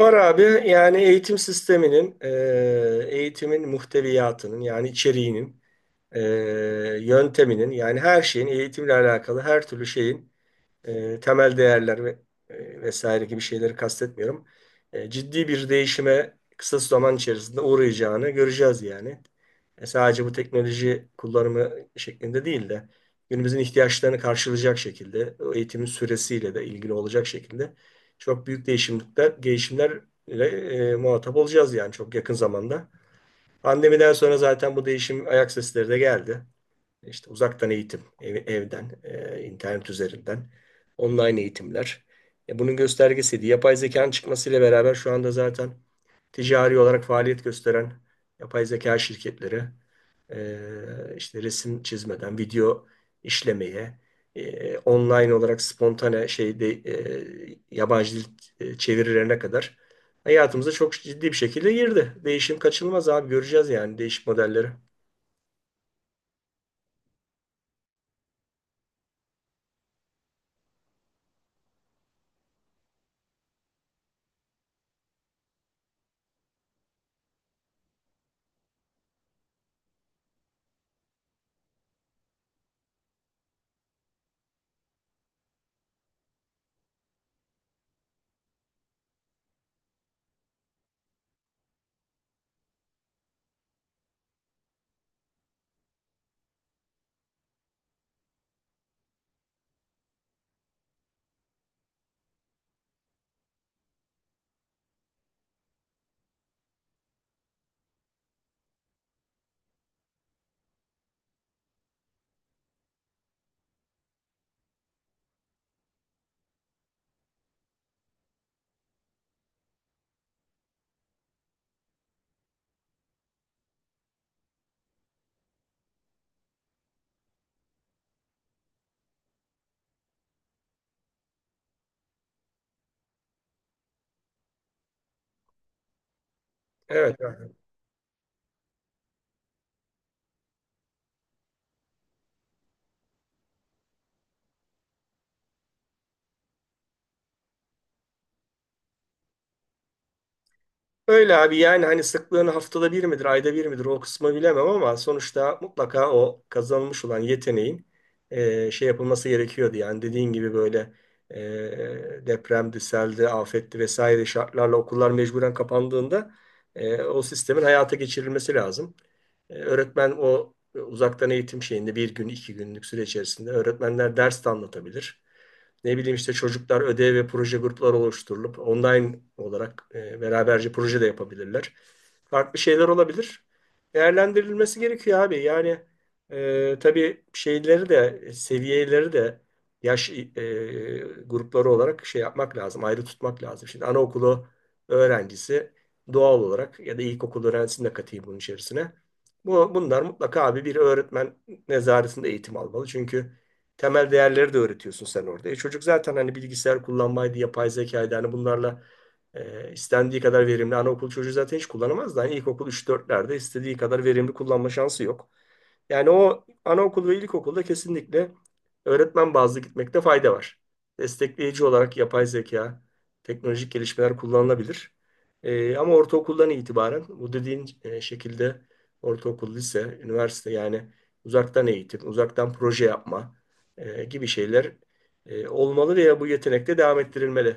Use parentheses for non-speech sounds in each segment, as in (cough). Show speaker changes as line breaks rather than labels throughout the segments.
Var abi yani eğitim sisteminin, eğitimin muhteviyatının yani içeriğinin, e, yönteminin yani her şeyin eğitimle alakalı her türlü şeyin temel değerler ve vesaire gibi şeyleri kastetmiyorum. Ciddi bir değişime kısa zaman içerisinde uğrayacağını göreceğiz yani. Sadece bu teknoloji kullanımı şeklinde değil de günümüzün ihtiyaçlarını karşılayacak şekilde, o eğitimin süresiyle de ilgili olacak şekilde çok büyük değişimlerle muhatap olacağız yani çok yakın zamanda. Pandemiden sonra zaten bu değişim ayak sesleri de geldi, işte uzaktan eğitim, evden, internet üzerinden, online eğitimler. Bunun göstergesiydi. Yapay zekanın çıkmasıyla beraber şu anda zaten ticari olarak faaliyet gösteren yapay zeka şirketleri, işte resim çizmeden video işlemeye, online olarak spontane şeyde, yabancı dil çevirilerine kadar hayatımıza çok ciddi bir şekilde girdi. Değişim kaçınılmaz abi, göreceğiz yani değişik modelleri. Evet. Öyle abi, yani hani sıklığını haftada bir midir, ayda bir midir o kısmı bilemem ama sonuçta mutlaka o kazanılmış olan yeteneğin şey yapılması gerekiyordu. Yani dediğin gibi böyle e, depremdi, seldi, afetti vesaire şartlarla okullar mecburen kapandığında o sistemin hayata geçirilmesi lazım. Öğretmen o uzaktan eğitim şeyinde bir gün, iki günlük süre içerisinde öğretmenler ders de anlatabilir. Ne bileyim, işte çocuklar ödev ve proje grupları oluşturulup online olarak beraberce proje de yapabilirler. Farklı şeyler olabilir. Değerlendirilmesi gerekiyor abi. Yani tabii şeyleri de, seviyeleri de, yaş grupları olarak şey yapmak lazım. Ayrı tutmak lazım. Şimdi anaokulu öğrencisi doğal olarak, ya da ilkokul öğrencisini de katayım bunun içerisine. Bunlar mutlaka abi bir öğretmen nezaretinde eğitim almalı. Çünkü temel değerleri de öğretiyorsun sen orada. E çocuk zaten hani bilgisayar kullanmaydı, yapay zekaydı. Hani bunlarla istendiği kadar verimli. Anaokul çocuğu zaten hiç kullanamaz da. Hani ilkokul üç dörtlerde istediği kadar verimli kullanma şansı yok. Yani o anaokul ve ilkokulda kesinlikle öğretmen bazlı gitmekte fayda var. Destekleyici olarak yapay zeka, teknolojik gelişmeler kullanılabilir. Ama ortaokuldan itibaren bu dediğin şekilde ortaokul, lise, üniversite yani uzaktan eğitim, uzaktan proje yapma, gibi şeyler olmalı veya bu yetenek de devam ettirilmeli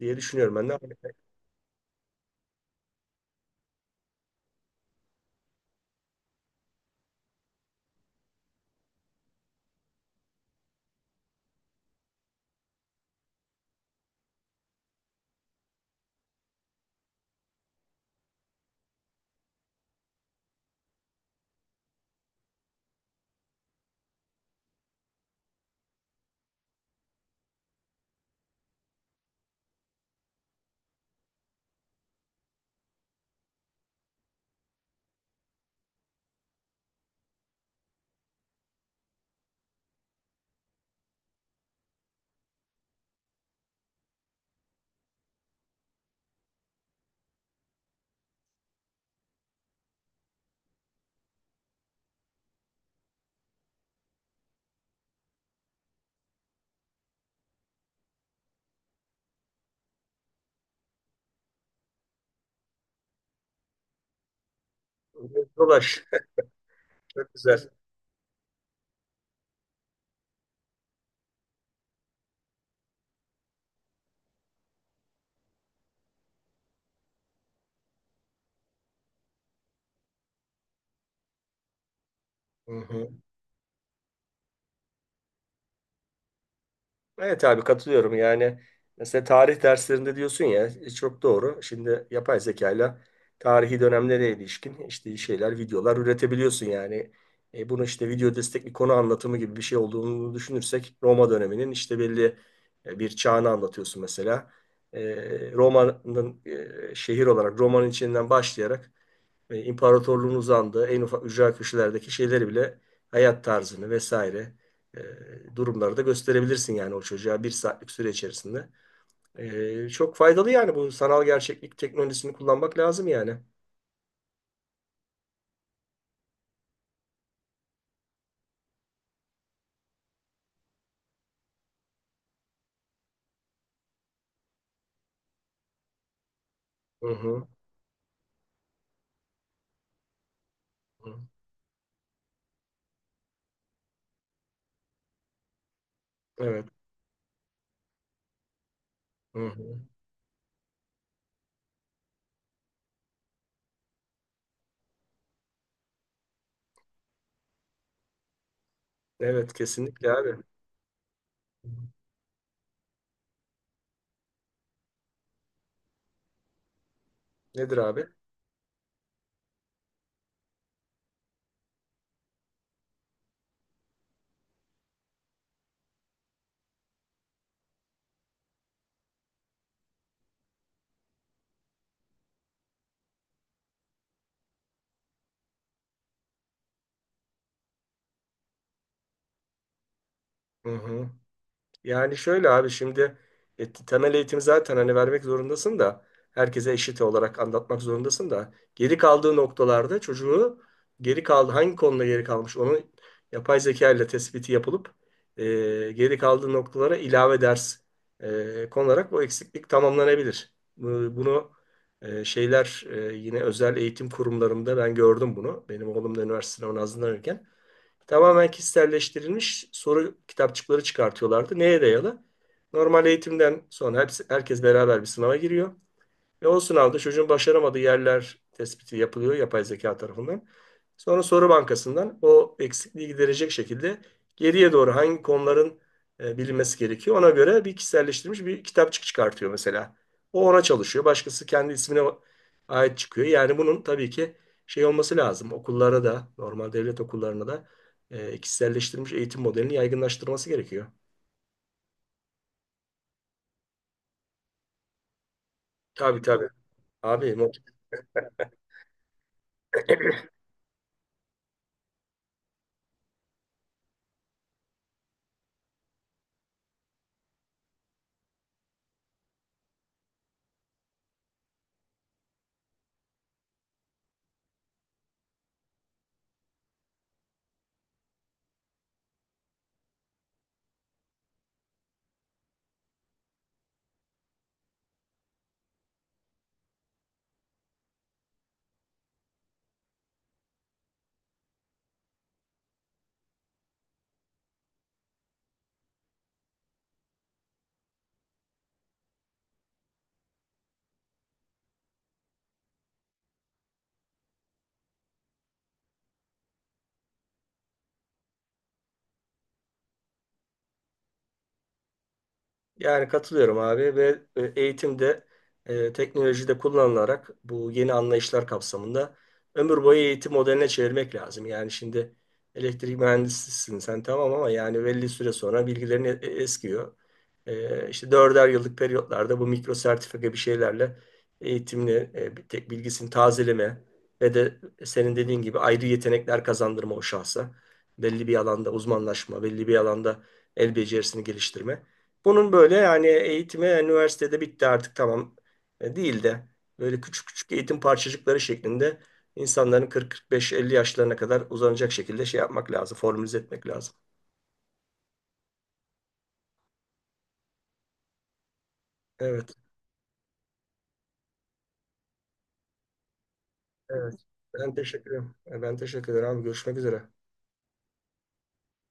diye düşünüyorum ben de. Dolaş. (laughs) Çok güzel. Hı hı. Evet abi, katılıyorum yani. Mesela tarih derslerinde diyorsun ya, çok doğru. Şimdi yapay zekayla tarihi dönemlere ilişkin işte şeyler, videolar üretebiliyorsun yani. Bunu işte video destekli konu anlatımı gibi bir şey olduğunu düşünürsek, Roma döneminin işte belli bir çağını anlatıyorsun mesela. E, Roma'nın, şehir olarak Roma'nın içinden başlayarak, imparatorluğun uzandığı en ufak ücra köşelerdeki şeyleri bile, hayat tarzını vesaire durumları da gösterebilirsin yani o çocuğa bir saatlik süre içerisinde. Çok faydalı yani, bu sanal gerçeklik teknolojisini kullanmak lazım yani. Hı hı. Hı. Evet. Hı hı. Evet kesinlikle abi. Nedir abi? Hı hı. Yani şöyle abi, şimdi temel eğitimi zaten hani vermek zorundasın da, herkese eşit olarak anlatmak zorundasın da, geri kaldığı noktalarda çocuğu, geri kaldı hangi konuda geri kalmış onu yapay zeka ile tespiti yapılıp e, geri kaldığı noktalara ilave ders konularak bu eksiklik tamamlanabilir. Bunu şeyler, yine özel eğitim kurumlarında ben gördüm bunu. Benim oğlum da üniversite sınavına hazırlanırken. Tamamen kişiselleştirilmiş soru kitapçıkları çıkartıyorlardı. Neye dayalı? Normal eğitimden sonra hepsi, herkes beraber bir sınava giriyor. Ve o sınavda çocuğun başaramadığı yerler tespiti yapılıyor yapay zeka tarafından. Sonra soru bankasından o eksikliği giderecek şekilde, geriye doğru hangi konuların bilinmesi gerekiyor. Ona göre bir kişiselleştirilmiş bir kitapçık çıkartıyor mesela. O ona çalışıyor. Başkası kendi ismine ait çıkıyor. Yani bunun tabii ki şey olması lazım. Okullara da, normal devlet okullarına da kişiselleştirilmiş eğitim modelini yaygınlaştırması gerekiyor. Tabii, tabii. Abi, yani katılıyorum abi ve eğitimde teknolojide kullanılarak bu yeni anlayışlar kapsamında ömür boyu eğitim modeline çevirmek lazım. Yani şimdi elektrik mühendisisin sen tamam, ama yani belli süre sonra bilgilerin eskiyor. İşte dörder yıllık periyotlarda bu mikro sertifika bir şeylerle eğitimli bir tek bilgisini tazeleme ve de senin dediğin gibi ayrı yetenekler kazandırma o şahsa. Belli bir alanda uzmanlaşma, belli bir alanda el becerisini geliştirme. Bunun böyle yani eğitimi üniversitede bitti artık tamam değil de, böyle küçük küçük eğitim parçacıkları şeklinde insanların 40-45-50 yaşlarına kadar uzanacak şekilde şey yapmak lazım, formülize etmek lazım. Evet, evet. Ben teşekkür ederim. Ben teşekkür ederim abi. Görüşmek üzere.